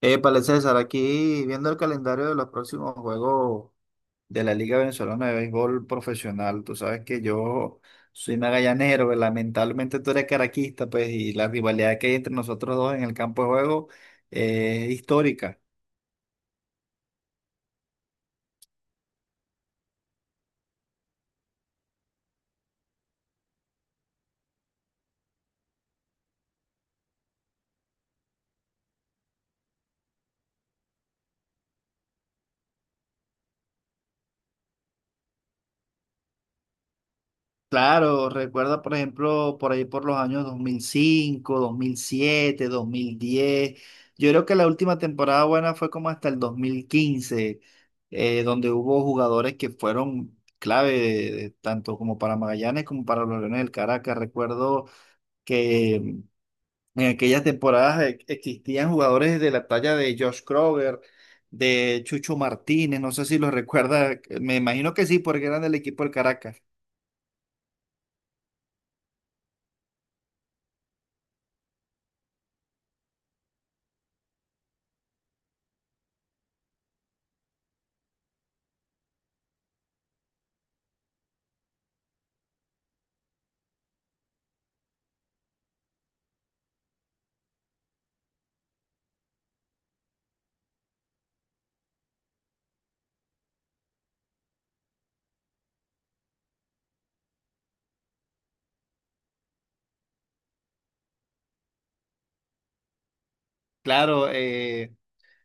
Épale, César, aquí viendo el calendario de los próximos juegos de la Liga Venezolana de Béisbol Profesional. Tú sabes que yo soy magallanero, pero lamentablemente tú eres caraquista, pues, y la rivalidad que hay entre nosotros dos en el campo de juego es histórica. Claro, recuerda, por ejemplo, por ahí por los años 2005, 2007, 2010. Yo creo que la última temporada buena fue como hasta el 2015, donde hubo jugadores que fueron clave, tanto como para Magallanes como para los Leones del Caracas. Recuerdo que en aquellas temporadas existían jugadores de la talla de Josh Kroger, de Chucho Martínez, no sé si los recuerda, me imagino que sí, porque eran del equipo del Caracas. Claro.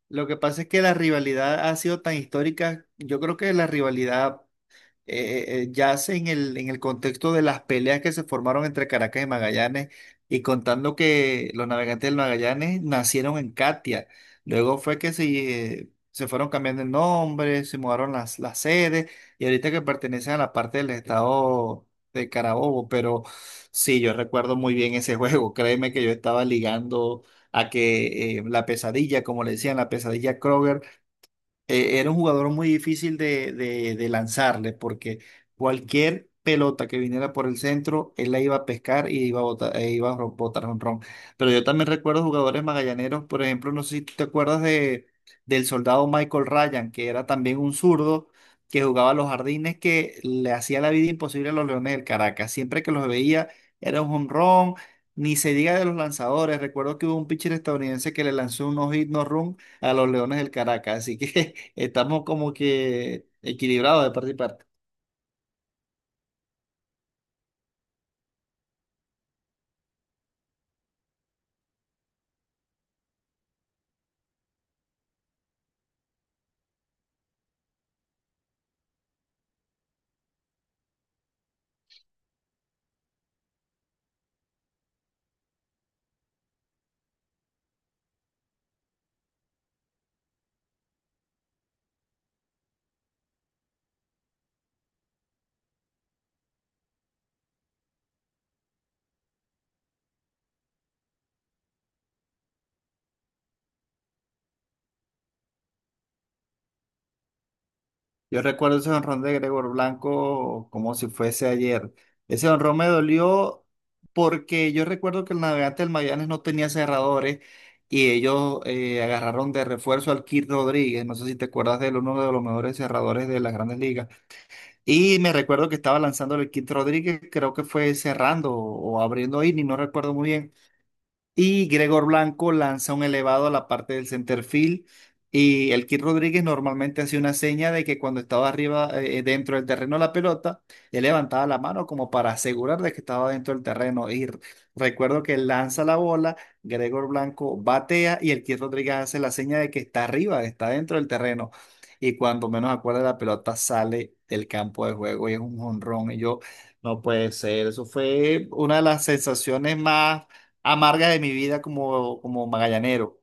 Lo que pasa es que la rivalidad ha sido tan histórica. Yo creo que la rivalidad yace en el contexto de las peleas que se formaron entre Caracas y Magallanes, y contando que los navegantes del Magallanes nacieron en Catia. Luego fue que se, se fueron cambiando el nombre, se mudaron las sedes, y ahorita que pertenecen a la parte del estado de Carabobo. Pero sí, yo recuerdo muy bien ese juego. Créeme que yo estaba ligando a que la pesadilla, como le decían, la pesadilla Kroger era un jugador muy difícil de, de lanzarle, porque cualquier pelota que viniera por el centro, él la iba a pescar y iba a botar, e iba a botar jonrón. Pero yo también recuerdo jugadores magallaneros, por ejemplo, no sé si tú te acuerdas de, del soldado Michael Ryan, que era también un zurdo que jugaba a los jardines, que le hacía la vida imposible a los Leones del Caracas. Siempre que los veía era un jonrón. Ni se diga de los lanzadores. Recuerdo que hubo un pitcher estadounidense que le lanzó un no-hit, no-run a los Leones del Caracas. Así que estamos como que equilibrados de parte y parte. Yo recuerdo ese jonrón de Gregor Blanco como si fuese ayer. Ese jonrón me dolió porque yo recuerdo que el navegante del Magallanes no tenía cerradores, y ellos agarraron de refuerzo al Kid Rodríguez. No sé si te acuerdas de él, uno de los mejores cerradores de las grandes ligas. Y me recuerdo que estaba lanzando el Kid Rodríguez, creo que fue cerrando o abriendo inning, no recuerdo muy bien. Y Gregor Blanco lanza un elevado a la parte del center field. Y el Kid Rodríguez normalmente hacía una seña de que cuando estaba arriba, dentro del terreno la pelota, él levantaba la mano como para asegurar de que estaba dentro del terreno. Y recuerdo que lanza la bola, Gregor Blanco batea y el Kid Rodríguez hace la seña de que está arriba, está dentro del terreno. Y cuando menos acuerda, la pelota sale del campo de juego y es un jonrón. Y yo, no puede ser. Eso fue una de las sensaciones más amargas de mi vida como, como magallanero.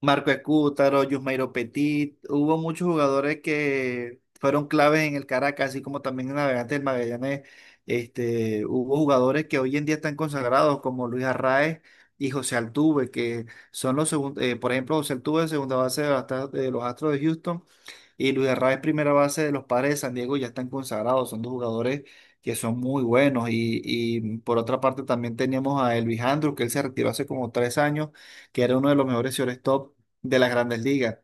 Marco Escútaro, Yusmeiro Petit, hubo muchos jugadores que fueron claves en el Caracas, así como también en Navegantes del Magallanes. Este, hubo jugadores que hoy en día están consagrados, como Luis Arraez y José Altuve, que son los segundos. Por ejemplo, José Altuve, segunda base de, las de los Astros de Houston, y Luis Arraez, primera base de los Padres de San Diego, ya están consagrados, son dos jugadores que son muy buenos. Y por otra parte, también teníamos a Elvis Andrus, que él se retiró hace como 3 años, que era uno de los mejores shortstop de las grandes ligas.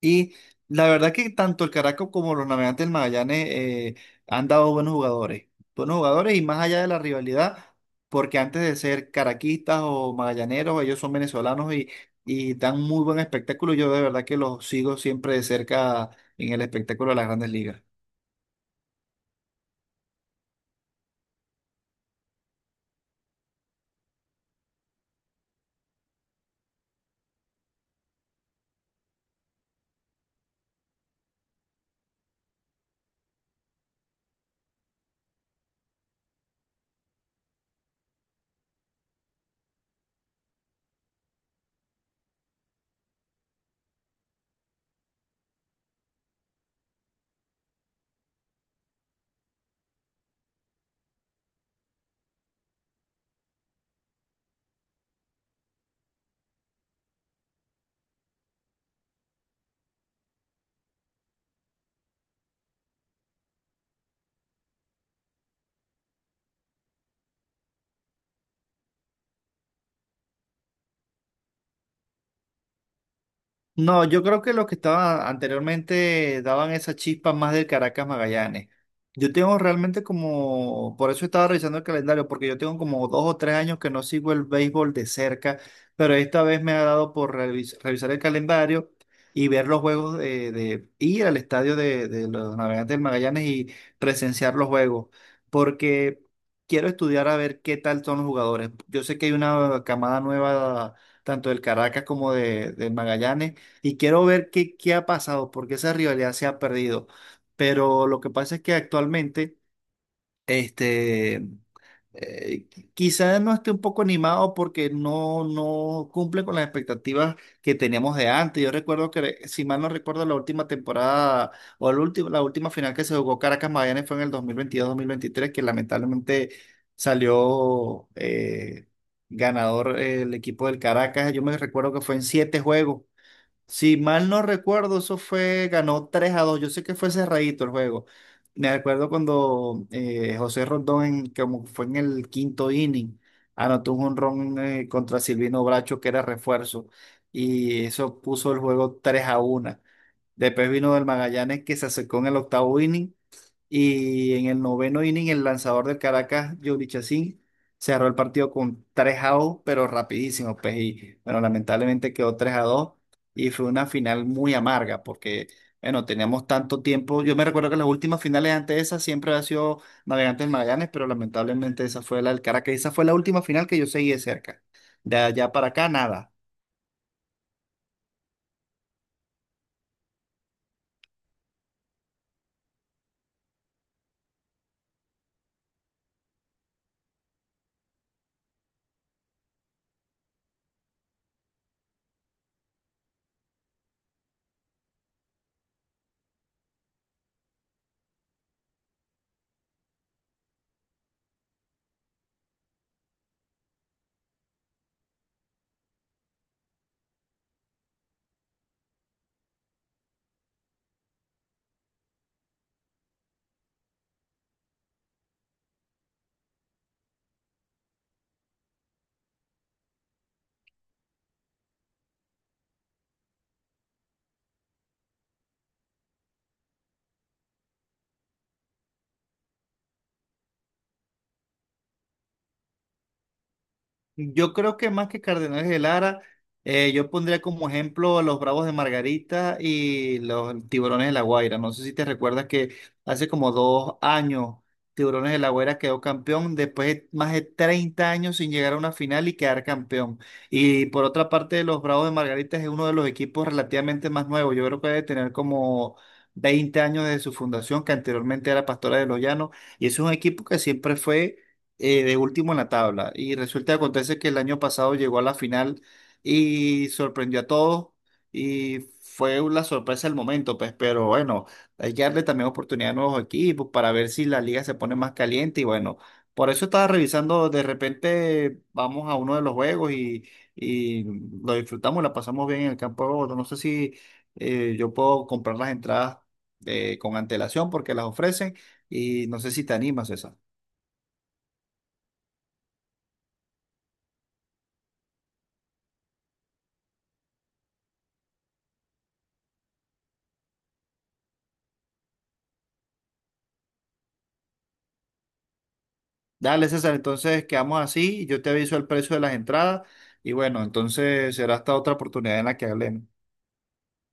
Y la verdad que tanto el Caracas como los Navegantes del Magallanes han dado buenos jugadores, buenos jugadores, y más allá de la rivalidad, porque antes de ser caraquistas o magallaneros, ellos son venezolanos y dan muy buen espectáculo. Yo de verdad que los sigo siempre de cerca en el espectáculo de las grandes ligas. No, yo creo que los que estaban anteriormente daban esa chispa más del Caracas Magallanes. Yo tengo realmente como, por eso estaba revisando el calendario, porque yo tengo como 2 o 3 años que no sigo el béisbol de cerca, pero esta vez me ha dado por revisar el calendario y ver los juegos de, ir al estadio de los Navegantes del Magallanes y presenciar los juegos, porque quiero estudiar a ver qué tal son los jugadores. Yo sé que hay una camada nueva, tanto del Caracas como de, del Magallanes, y quiero ver qué, qué ha pasado, porque esa rivalidad se ha perdido. Pero lo que pasa es que actualmente, este, eh, quizás no esté un poco animado porque no, no cumple con las expectativas que teníamos de antes. Yo recuerdo que, si mal no recuerdo, la última temporada o el último, la última final que se jugó Caracas Magallanes fue en el dos mil veintidós mil veintitrés, que lamentablemente salió ganador el equipo del Caracas. Yo me recuerdo que fue en siete juegos, si mal no recuerdo. Eso fue, ganó 3-2. Yo sé que fue cerradito el juego. Me acuerdo cuando José Rondón, como fue en el quinto inning, anotó un jonrón contra Silvino Bracho, que era refuerzo, y eso puso el juego tres a 1. Después vino del Magallanes, que se acercó en el octavo inning, y en el noveno inning, el lanzador del Caracas, Yuri Chacín, cerró el partido con 3-2, pero rapidísimo, pues. Y bueno, lamentablemente quedó 3-2, y fue una final muy amarga porque, bueno, teníamos tanto tiempo. Yo me recuerdo que las últimas finales antes de esa siempre había sido Navegantes del Magallanes, pero lamentablemente esa fue la del Caracas. Esa fue la última final que yo seguí de cerca. De allá para acá, nada. Yo creo que más que Cardenales de Lara, yo pondría como ejemplo a los Bravos de Margarita y los Tiburones de La Guaira. No sé si te recuerdas que hace como 2 años Tiburones de La Guaira quedó campeón después de más de 30 años sin llegar a una final y quedar campeón. Y por otra parte, los Bravos de Margarita es uno de los equipos relativamente más nuevos. Yo creo que debe tener como 20 años desde su fundación, que anteriormente era Pastora de los Llanos. Y es un equipo que siempre fue de último en la tabla. Y resulta que acontece que el año pasado llegó a la final y sorprendió a todos, y fue una sorpresa el momento, pues, pero bueno, hay que darle también oportunidad a nuevos equipos para ver si la liga se pone más caliente, y bueno, por eso estaba revisando, de repente vamos a uno de los juegos y lo disfrutamos, la pasamos bien en el campo de Bogotá. No sé si yo puedo comprar las entradas con antelación porque las ofrecen, y no sé si te animas, César. Dale, César, entonces quedamos así, yo te aviso el precio de las entradas y bueno, entonces será hasta otra oportunidad en la que hablemos.